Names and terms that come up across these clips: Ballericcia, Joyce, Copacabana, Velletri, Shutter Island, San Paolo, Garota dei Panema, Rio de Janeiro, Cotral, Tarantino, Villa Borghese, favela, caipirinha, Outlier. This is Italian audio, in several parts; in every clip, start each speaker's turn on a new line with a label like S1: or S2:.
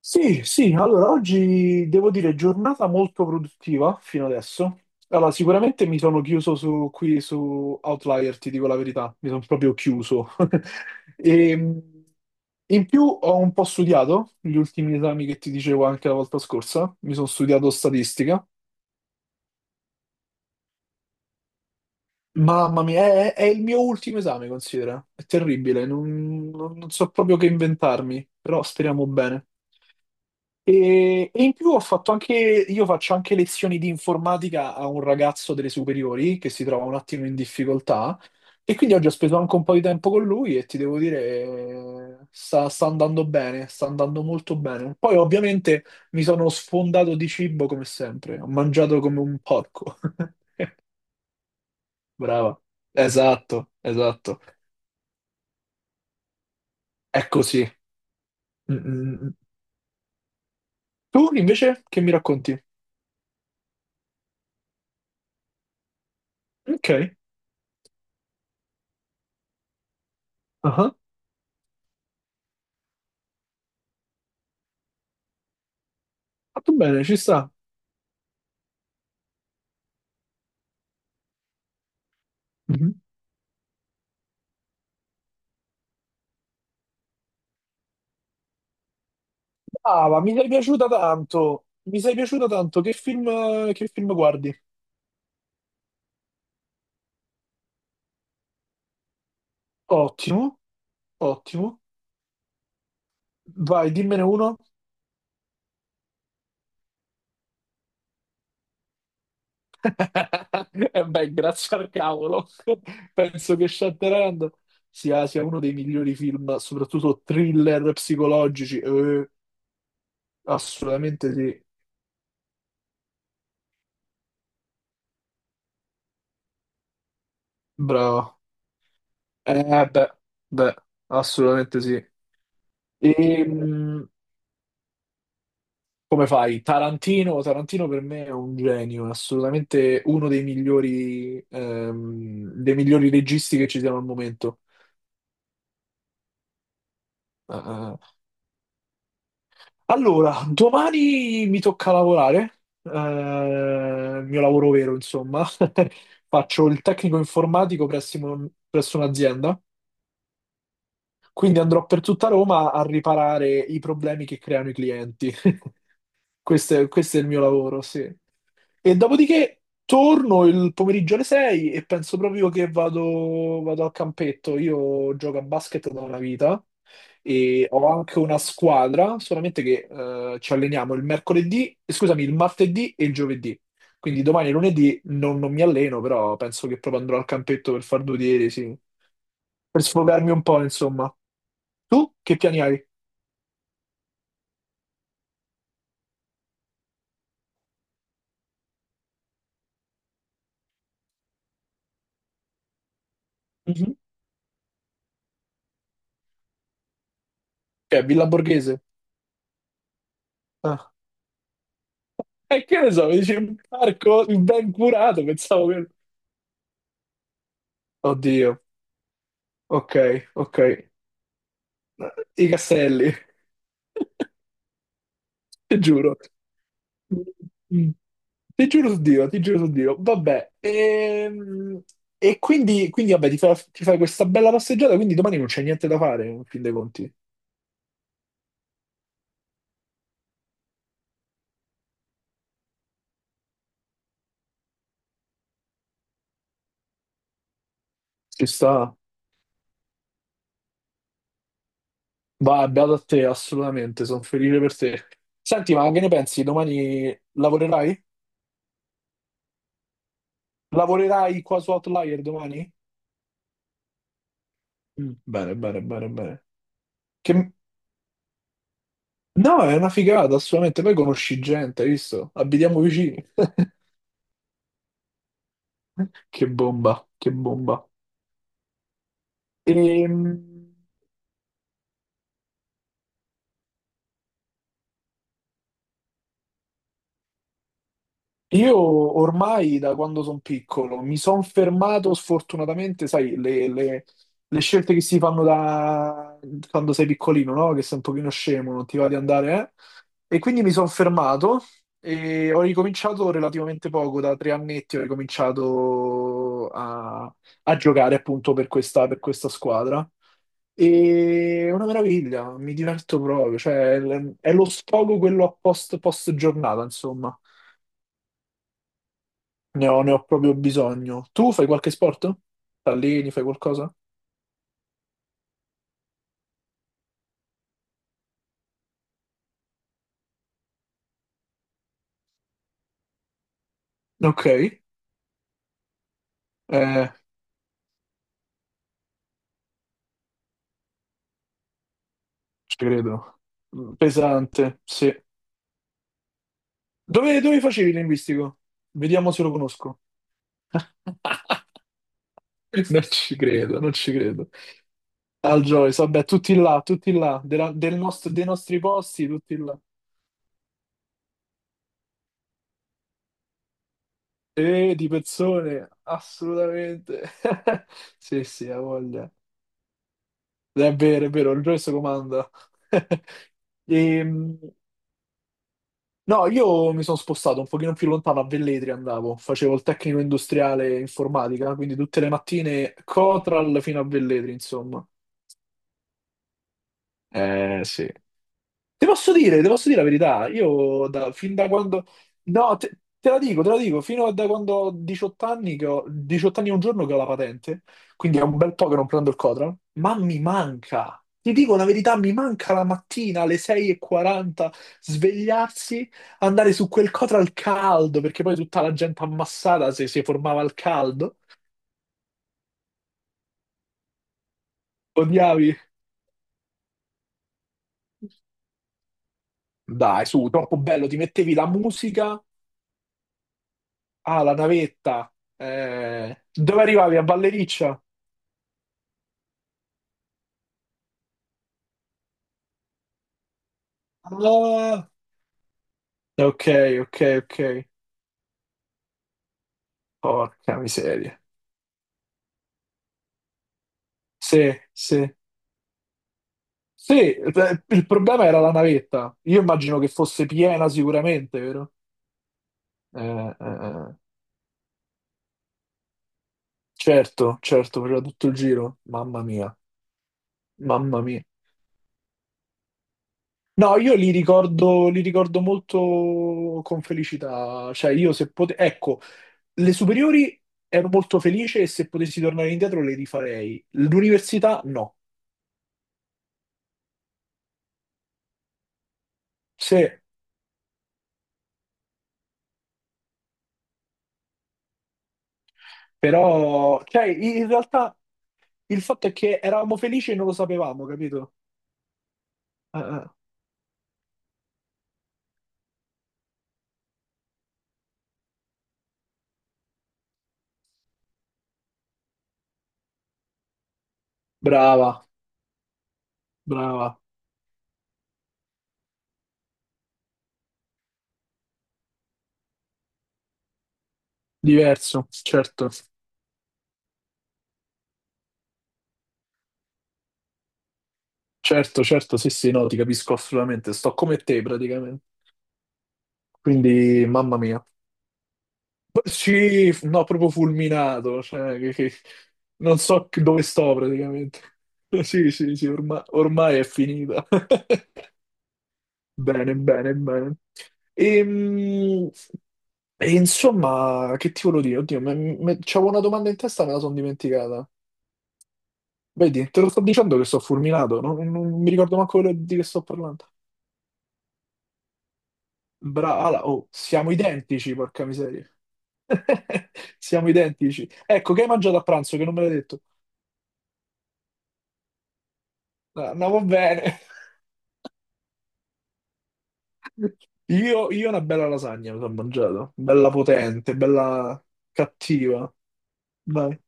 S1: Sì, sì, allora oggi devo dire giornata molto produttiva fino adesso. Allora, sicuramente mi sono chiuso su, qui su Outlier, ti dico la verità, mi sono proprio chiuso. E, in più ho un po' studiato gli ultimi esami che ti dicevo anche la volta scorsa, mi sono studiato statistica. Mamma mia, è il mio ultimo esame, considera. È terribile, non so proprio che inventarmi, però speriamo bene. E in più ho fatto anche, io faccio anche lezioni di informatica a un ragazzo delle superiori che si trova un attimo in difficoltà e quindi oggi ho speso anche un po' di tempo con lui e ti devo dire, sta andando bene, sta andando molto bene. Poi ovviamente mi sono sfondato di cibo come sempre, ho mangiato come un porco. Brava. Esatto, esatto. È così. Mm, mm, mm. Tu invece che mi racconti? Ok, ah, fatto bene, ci sta. Ah, ma mi sei piaciuta tanto. Mi sei piaciuta tanto. Che film guardi? Ottimo, ottimo. Vai, dimmene uno. E beh, grazie al cavolo. Penso che Shutter Island sia uno dei migliori film, soprattutto thriller psicologici. Assolutamente sì. Bravo. Beh, beh, assolutamente sì. Ehm, Come fai? Tarantino, Tarantino per me è un genio, è assolutamente uno dei migliori registi che ci siano al momento. Eh. Allora, domani mi tocca lavorare, il mio lavoro vero, insomma. Faccio il tecnico informatico presso presso un'azienda, quindi andrò per tutta Roma a riparare i problemi che creano i clienti. Questo è il mio lavoro, sì. E dopodiché torno il pomeriggio alle 6 e penso proprio che vado al campetto. Io gioco a basket da una vita e ho anche una squadra, solamente che ci alleniamo il mercoledì, scusami, il martedì e il giovedì. Quindi domani e lunedì non mi alleno, però penso che proprio andrò al campetto per far due tiri, sì. Per sfogarmi un po', insomma. Tu che piani hai? Mhm. Che è Villa Borghese? Ah. E che ne so, mi dici un parco ben curato, pensavo che. Oddio, ok, ok. I castelli, ti giuro. Mm. Ti giuro su Dio, ti giuro su Dio. Vabbè, e, quindi vabbè, ti fai questa bella passeggiata, quindi domani non c'è niente da fare, in fin dei conti. Ci sta. Va, beato a te, assolutamente, sono felice per te. Senti, ma che ne pensi? Domani lavorerai? Lavorerai qua su Outlier domani? Mm. Bene, bene, bene, bene. Che, No, è una figata, assolutamente. Poi conosci gente, hai visto? Abitiamo vicini. Che bomba, che bomba. Ehm, io ormai da quando sono piccolo mi sono fermato, sfortunatamente, sai, le scelte che si fanno da quando sei piccolino, no? Che sei un pochino scemo, non ti va di andare, eh? E quindi mi sono fermato e ho ricominciato relativamente poco, da 3 annetti ho ricominciato a giocare appunto per questa squadra. E è una meraviglia, mi diverto proprio, cioè è lo sfogo quello a post giornata, insomma. Ne ho proprio bisogno. Tu fai qualche sport? T'alleni, fai qualcosa? Ok, ci credo. Pesante, sì. Dove facevi il linguistico? Vediamo se lo conosco. Non ci credo, non ci credo. Al Joyce, vabbè, tutti là, dei nostri posti, tutti là. Di pezzone, assolutamente. Sì, sì, ha voglia. È vero, il resto comanda. Ehm, no, io mi sono spostato un pochino più lontano, a Velletri andavo, facevo il tecnico industriale informatica, quindi tutte le mattine Cotral fino a Velletri, insomma. Sì. Ti posso dire la verità, io fin da quando. No, te la dico, te la dico, fino a da quando ho 18 anni, che ho 18 anni e un giorno che ho la patente, quindi è un bel po' che non prendo il Cotral, ma mi manca, ti dico la verità, mi manca la mattina alle 6:40 svegliarsi, andare su quel Cotral caldo, perché poi tutta la gente ammassata si formava al caldo. Odiavi. Dai, su, troppo bello, ti mettevi la musica. Ah, la navetta. Dove arrivavi? A Ballericcia? Ah, ok, ok, ok. Porca miseria. Sì, sì. Sì, il problema era la navetta. Io immagino che fosse piena sicuramente, vero? Eh, eh, eh. Certo, certo, faceva tutto il giro. Mamma mia, mamma mia. No, io li ricordo molto con felicità. Cioè, io se potevo, ecco, le superiori ero molto felice e se potessi tornare indietro le rifarei. L'università no. Se, però, cioè, in realtà il fatto è che eravamo felici e non lo sapevamo, capito? Eh. Brava, brava. Diverso, certo. Certo, certo, sì, sì, no, ti capisco assolutamente. Sto come te praticamente. Quindi, mamma mia. Sì, no, proprio fulminato, cioè, non so dove sto praticamente. Sì, sì, sì, ormai è finita. Bene, bene, bene. Ehm, E, insomma, che ti volevo dire? Oddio, c'avevo una domanda in testa, e me la sono dimenticata. Vedi, te lo sto dicendo che sto fulminato, non mi ricordo manco quello di che sto parlando. Brava, oh, siamo identici, porca miseria. Siamo identici. Ecco, che hai mangiato a pranzo che non me l'hai detto? Ah, no, va bene. Io una bella lasagna mi sono mangiato, bella potente, bella cattiva. Vai.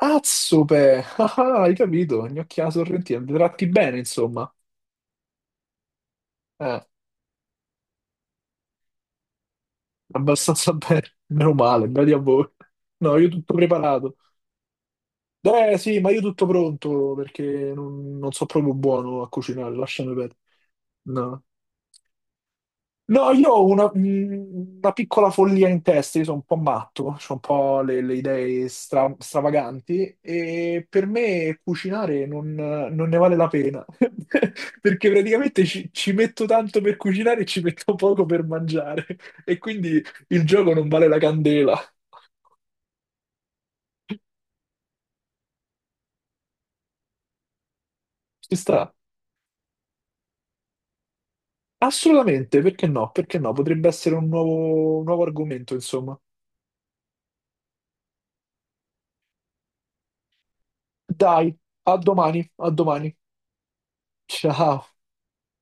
S1: Azzope! Ah, ah, hai capito? Gnocchia sorrentina, vi tratti bene, insomma. Eh, abbastanza bene, meno male, bravi a voi. No, io tutto preparato. Eh sì, ma io tutto pronto, perché non so proprio buono a cucinare, lasciami perdere. No. No, io ho una piccola follia in testa, io sono un po' matto, ho un po' le idee stravaganti e per me cucinare non ne vale la pena. Perché praticamente ci metto tanto per cucinare e ci metto poco per mangiare e quindi il gioco non vale la candela. Ci sta? Assolutamente, perché no? Perché no? Potrebbe essere un nuovo argomento, insomma. Dai, a domani, a domani. Ciao.